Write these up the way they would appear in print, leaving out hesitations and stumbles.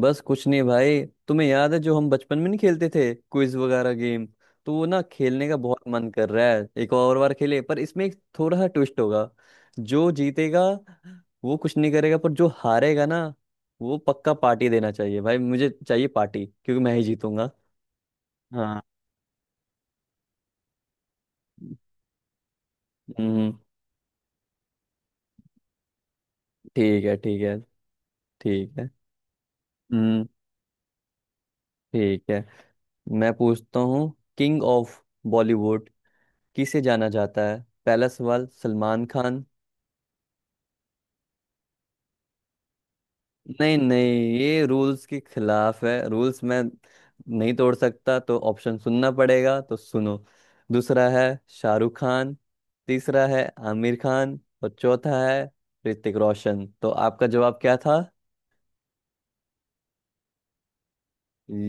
बस कुछ नहीं भाई। तुम्हें याद है जो हम बचपन में नहीं खेलते थे क्विज वगैरह गेम। तो वो ना खेलने का बहुत मन कर रहा है एक और बार खेले पर इसमें एक थोड़ा सा ट्विस्ट होगा। जो जीतेगा वो कुछ नहीं करेगा पर जो हारेगा ना वो पक्का पार्टी देना चाहिए भाई मुझे चाहिए पार्टी क्योंकि मैं ही जीतूंगा। हाँ। हम्म। ठीक है ठीक है ठीक है। हम्म। ठीक है। मैं पूछता हूँ। किंग ऑफ बॉलीवुड किसे जाना जाता है? पहला सवाल सलमान खान। नहीं नहीं ये रूल्स के खिलाफ है रूल्स मैं नहीं तोड़ सकता तो ऑप्शन सुनना पड़ेगा तो सुनो। दूसरा है शाहरुख खान। तीसरा है आमिर खान और चौथा है ऋतिक रोशन। तो आपका जवाब क्या था?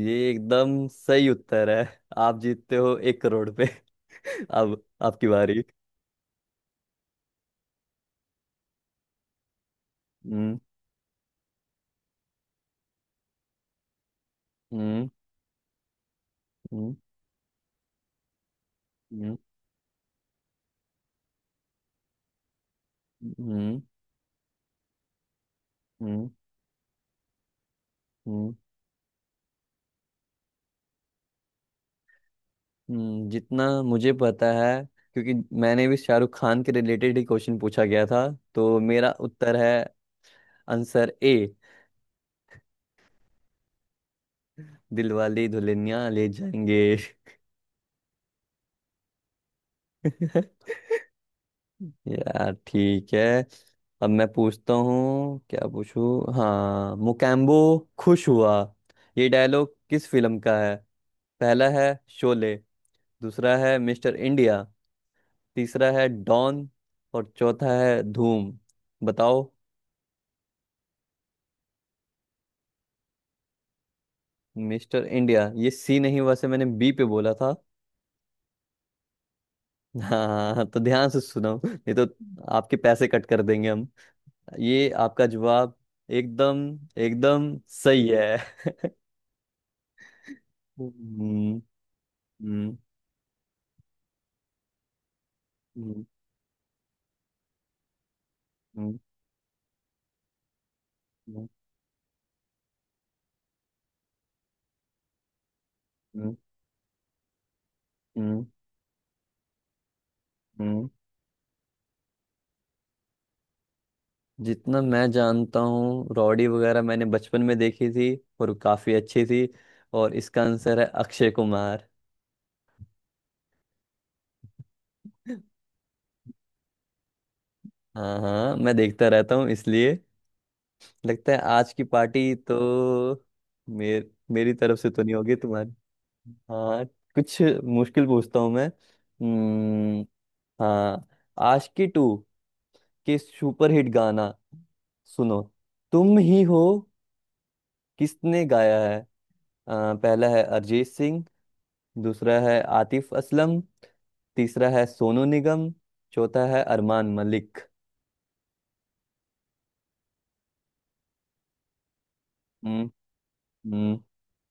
ये एकदम सही उत्तर है। आप जीतते हो 1 करोड़ पे। अब आपकी बारी। हम्म। हम्म। हम्म। हम्म। हम्म। हम्म। हम्म। जितना मुझे पता है क्योंकि मैंने भी शाहरुख खान के रिलेटेड ही क्वेश्चन पूछा गया था। तो मेरा उत्तर है आंसर ए। दिलवाले दुल्हनिया ले जाएंगे। यार ठीक है। अब मैं पूछता हूँ क्या पूछूं। हाँ मोकैम्बो खुश हुआ। ये डायलॉग किस फिल्म का है? पहला है शोले। दूसरा है मिस्टर इंडिया। तीसरा है डॉन और चौथा है धूम। बताओ। मिस्टर इंडिया ये सी नहीं हुआ से मैंने बी पे बोला था। हाँ हाँ, हाँ, तो ध्यान से सुनो नहीं तो आपके पैसे कट कर देंगे हम। ये आपका जवाब एकदम एकदम सही है। हम्म। हम्म। हम्म। हम्म। हम्म। हम्म। हम्म। हम्म। जितना मैं जानता हूँ रॉडी वगैरह मैंने बचपन में देखी थी और काफी अच्छी थी। और इसका आंसर है अक्षय कुमार। हाँ हाँ मैं देखता रहता हूँ इसलिए लगता है आज की पार्टी तो मेरी तरफ से तो नहीं होगी तुम्हारी। हाँ। कुछ मुश्किल पूछता हूँ मैं। हम्म। हाँ। आशिकी 2 के सुपरहिट गाना सुनो। तुम ही हो किसने गाया है? पहला है अरिजीत सिंह। दूसरा है आतिफ असलम। तीसरा है सोनू निगम। चौथा है अरमान मलिक। हम्म।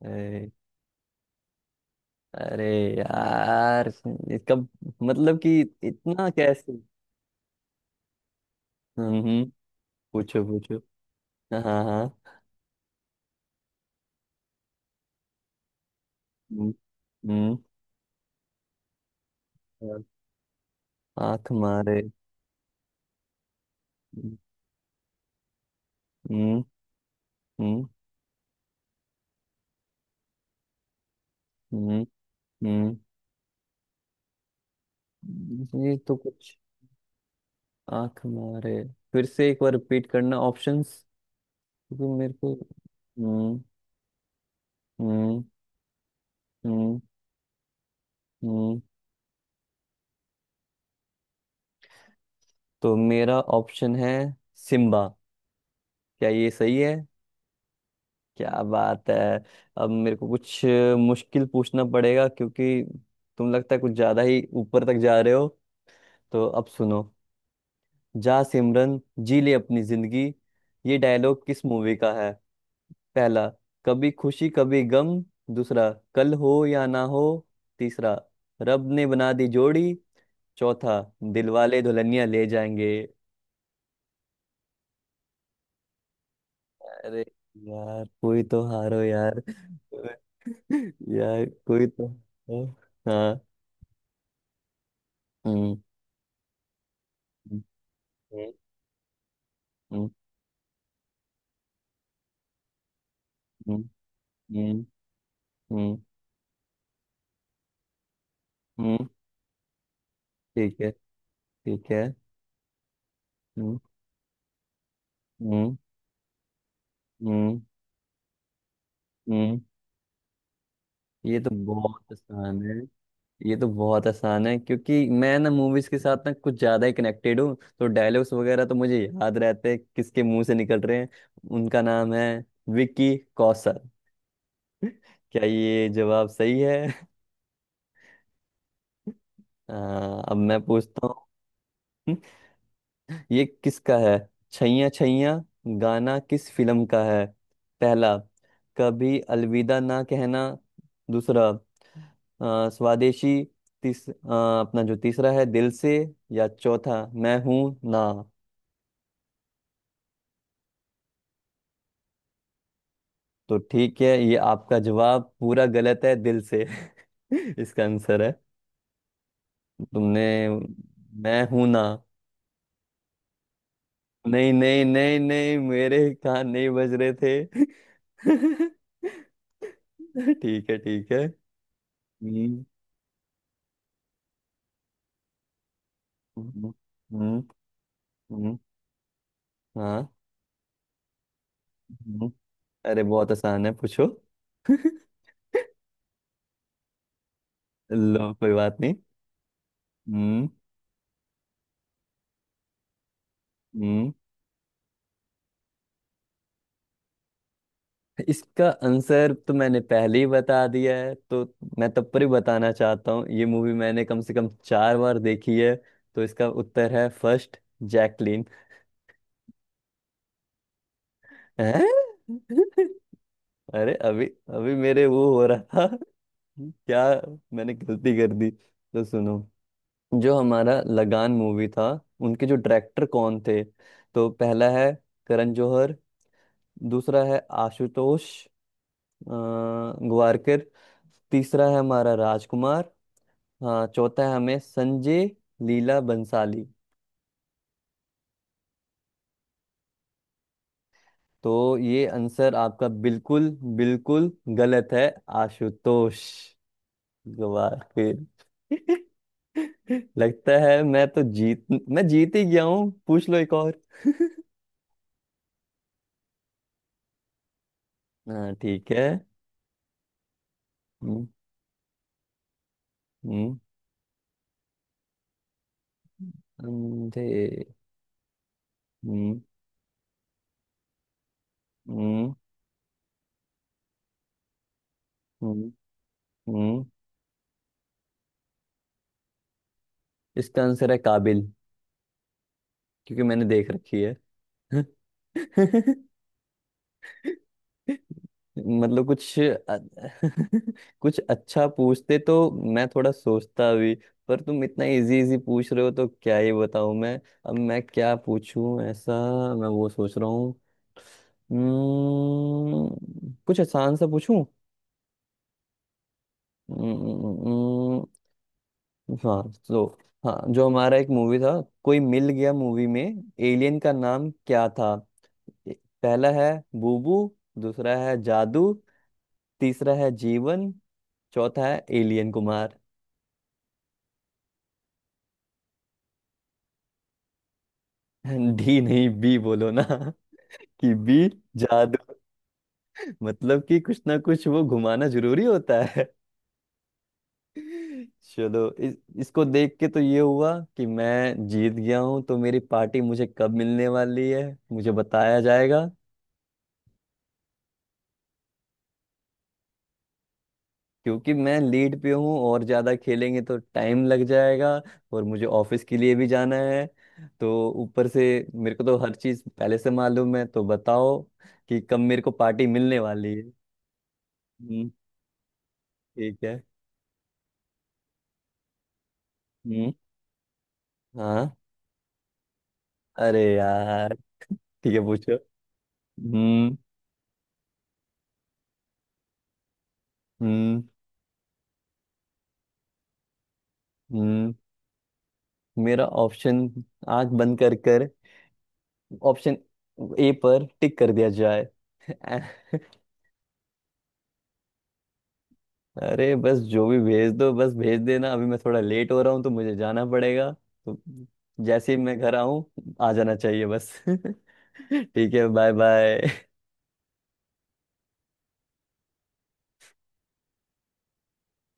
हम्म। अरे यार इसका मतलब कि इतना कैसे। हम्म। हम्म। पूछो पूछो। हाँ हाँ हाँ। हम्म। हम्म। आंख मारे। हम्म। हम्म। हम्म। हम्म। ये तो कुछ आंख मारे फिर से एक बार रिपीट करना ऑप्शंस क्योंकि मेरे को। हम्म। हम्म। हम्म। हम्म। तो मेरा ऑप्शन है सिम्बा। क्या ये सही है? क्या बात है। अब मेरे को कुछ मुश्किल पूछना पड़ेगा क्योंकि तुम लगता है कुछ ज्यादा ही ऊपर तक जा रहे हो। तो अब सुनो। जा सिमरन जी ले अपनी जिंदगी। ये डायलॉग किस मूवी का है? पहला कभी खुशी कभी गम। दूसरा कल हो या ना हो। तीसरा रब ने बना दी जोड़ी। चौथा दिलवाले दुल्हनिया ले जाएंगे। अरे यार कोई तो हारो यार। यार कोई तो। हाँ। हम्म। हम्म। हम्म। हम्म। हम्म। हम्म। हम्म। ठीक है ठीक है। हम्म। हम्म। हम्म। हम्म। ये तो बहुत आसान है। ये तो बहुत आसान है क्योंकि मैं ना मूवीज के साथ ना कुछ ज्यादा ही कनेक्टेड हूँ तो डायलॉग्स वगैरह तो मुझे याद रहते हैं किसके मुंह से निकल रहे हैं। उनका नाम है विक्की कौशल। क्या ये जवाब सही है? आ, अब मैं पूछता हूँ। ये किसका है? छैया छैया गाना किस फिल्म का है? पहला कभी अलविदा ना कहना। दूसरा स्वदेशी। अपना जो तीसरा है दिल से। या चौथा मैं हूं ना। तो ठीक है ये आपका जवाब पूरा गलत है दिल से। इसका आंसर है। तुमने मैं हूं ना। नहीं नहीं नहीं नहीं मेरे कान नहीं बज रहे थे। ठीक है ठीक है। हम्म। हम्म। हम्म। हम्म। हाँ। हम्म। अरे बहुत आसान है पूछो। लो कोई बात नहीं। हम्म। हम्म। इसका आंसर तो मैंने पहले ही बता दिया है तो मैं तब पर ही बताना चाहता हूँ ये मूवी मैंने कम से कम 4 बार देखी है तो इसका उत्तर है फर्स्ट जैकलीन। हैं? अरे अभी अभी मेरे वो हो रहा था क्या मैंने गलती कर दी तो सुनो। जो हमारा लगान मूवी था उनके जो डायरेक्टर कौन थे? तो पहला है करण जौहर। दूसरा है आशुतोष ग्वारकर। तीसरा है हमारा राजकुमार। हाँ चौथा है हमें संजय लीला बंसाली। तो ये आंसर आपका बिल्कुल बिल्कुल गलत है आशुतोष ग्वारकर। लगता है मैं तो जीत मैं जीत ही गया हूँ पूछ लो एक और। हाँ ठीक है। हम्म। हम्म। अंधे। हम्म। हम्म। हम्म। हम्म। इसका आंसर है काबिल क्योंकि मैंने देख रखी है। मतलब कुछ कुछ अच्छा पूछते तो मैं थोड़ा सोचता भी पर तुम इतना इजी इजी पूछ रहे हो तो क्या ही बताऊं मैं। अब मैं क्या पूछूं ऐसा मैं वो सोच रहा हूँ। कुछ आसान सा पूछूं। हम्म। हाँ। तो हाँ जो हमारा एक मूवी था कोई मिल गया मूवी में एलियन का नाम क्या था? ए- पहला है बूबू। दूसरा है जादू। तीसरा है जीवन। चौथा है एलियन कुमार। डी नहीं बी बोलो ना। कि बी। जादू मतलब कि कुछ ना कुछ वो घुमाना जरूरी होता है। चलो इसको देख के तो ये हुआ कि मैं जीत गया हूँ तो मेरी पार्टी मुझे कब मिलने वाली है? मुझे बताया जाएगा। क्योंकि मैं लीड पे हूँ और ज्यादा खेलेंगे तो टाइम लग जाएगा और मुझे ऑफिस के लिए भी जाना है। तो ऊपर से मेरे को तो हर चीज पहले से मालूम है तो बताओ कि कब मेरे को पार्टी मिलने वाली है। हम्म। ठीक है। हम्म। हाँ। अरे यार। ठीक है पूछो। हम्म। हम्म। हम्म। मेरा ऑप्शन आंख बंद कर कर ऑप्शन ए पर टिक कर दिया जाए। अरे बस जो भी भेज दो बस भेज देना अभी मैं थोड़ा लेट हो रहा हूँ तो मुझे जाना पड़ेगा। तो जैसे ही मैं घर आऊँ आ जाना चाहिए बस। ठीक है बाय बाय।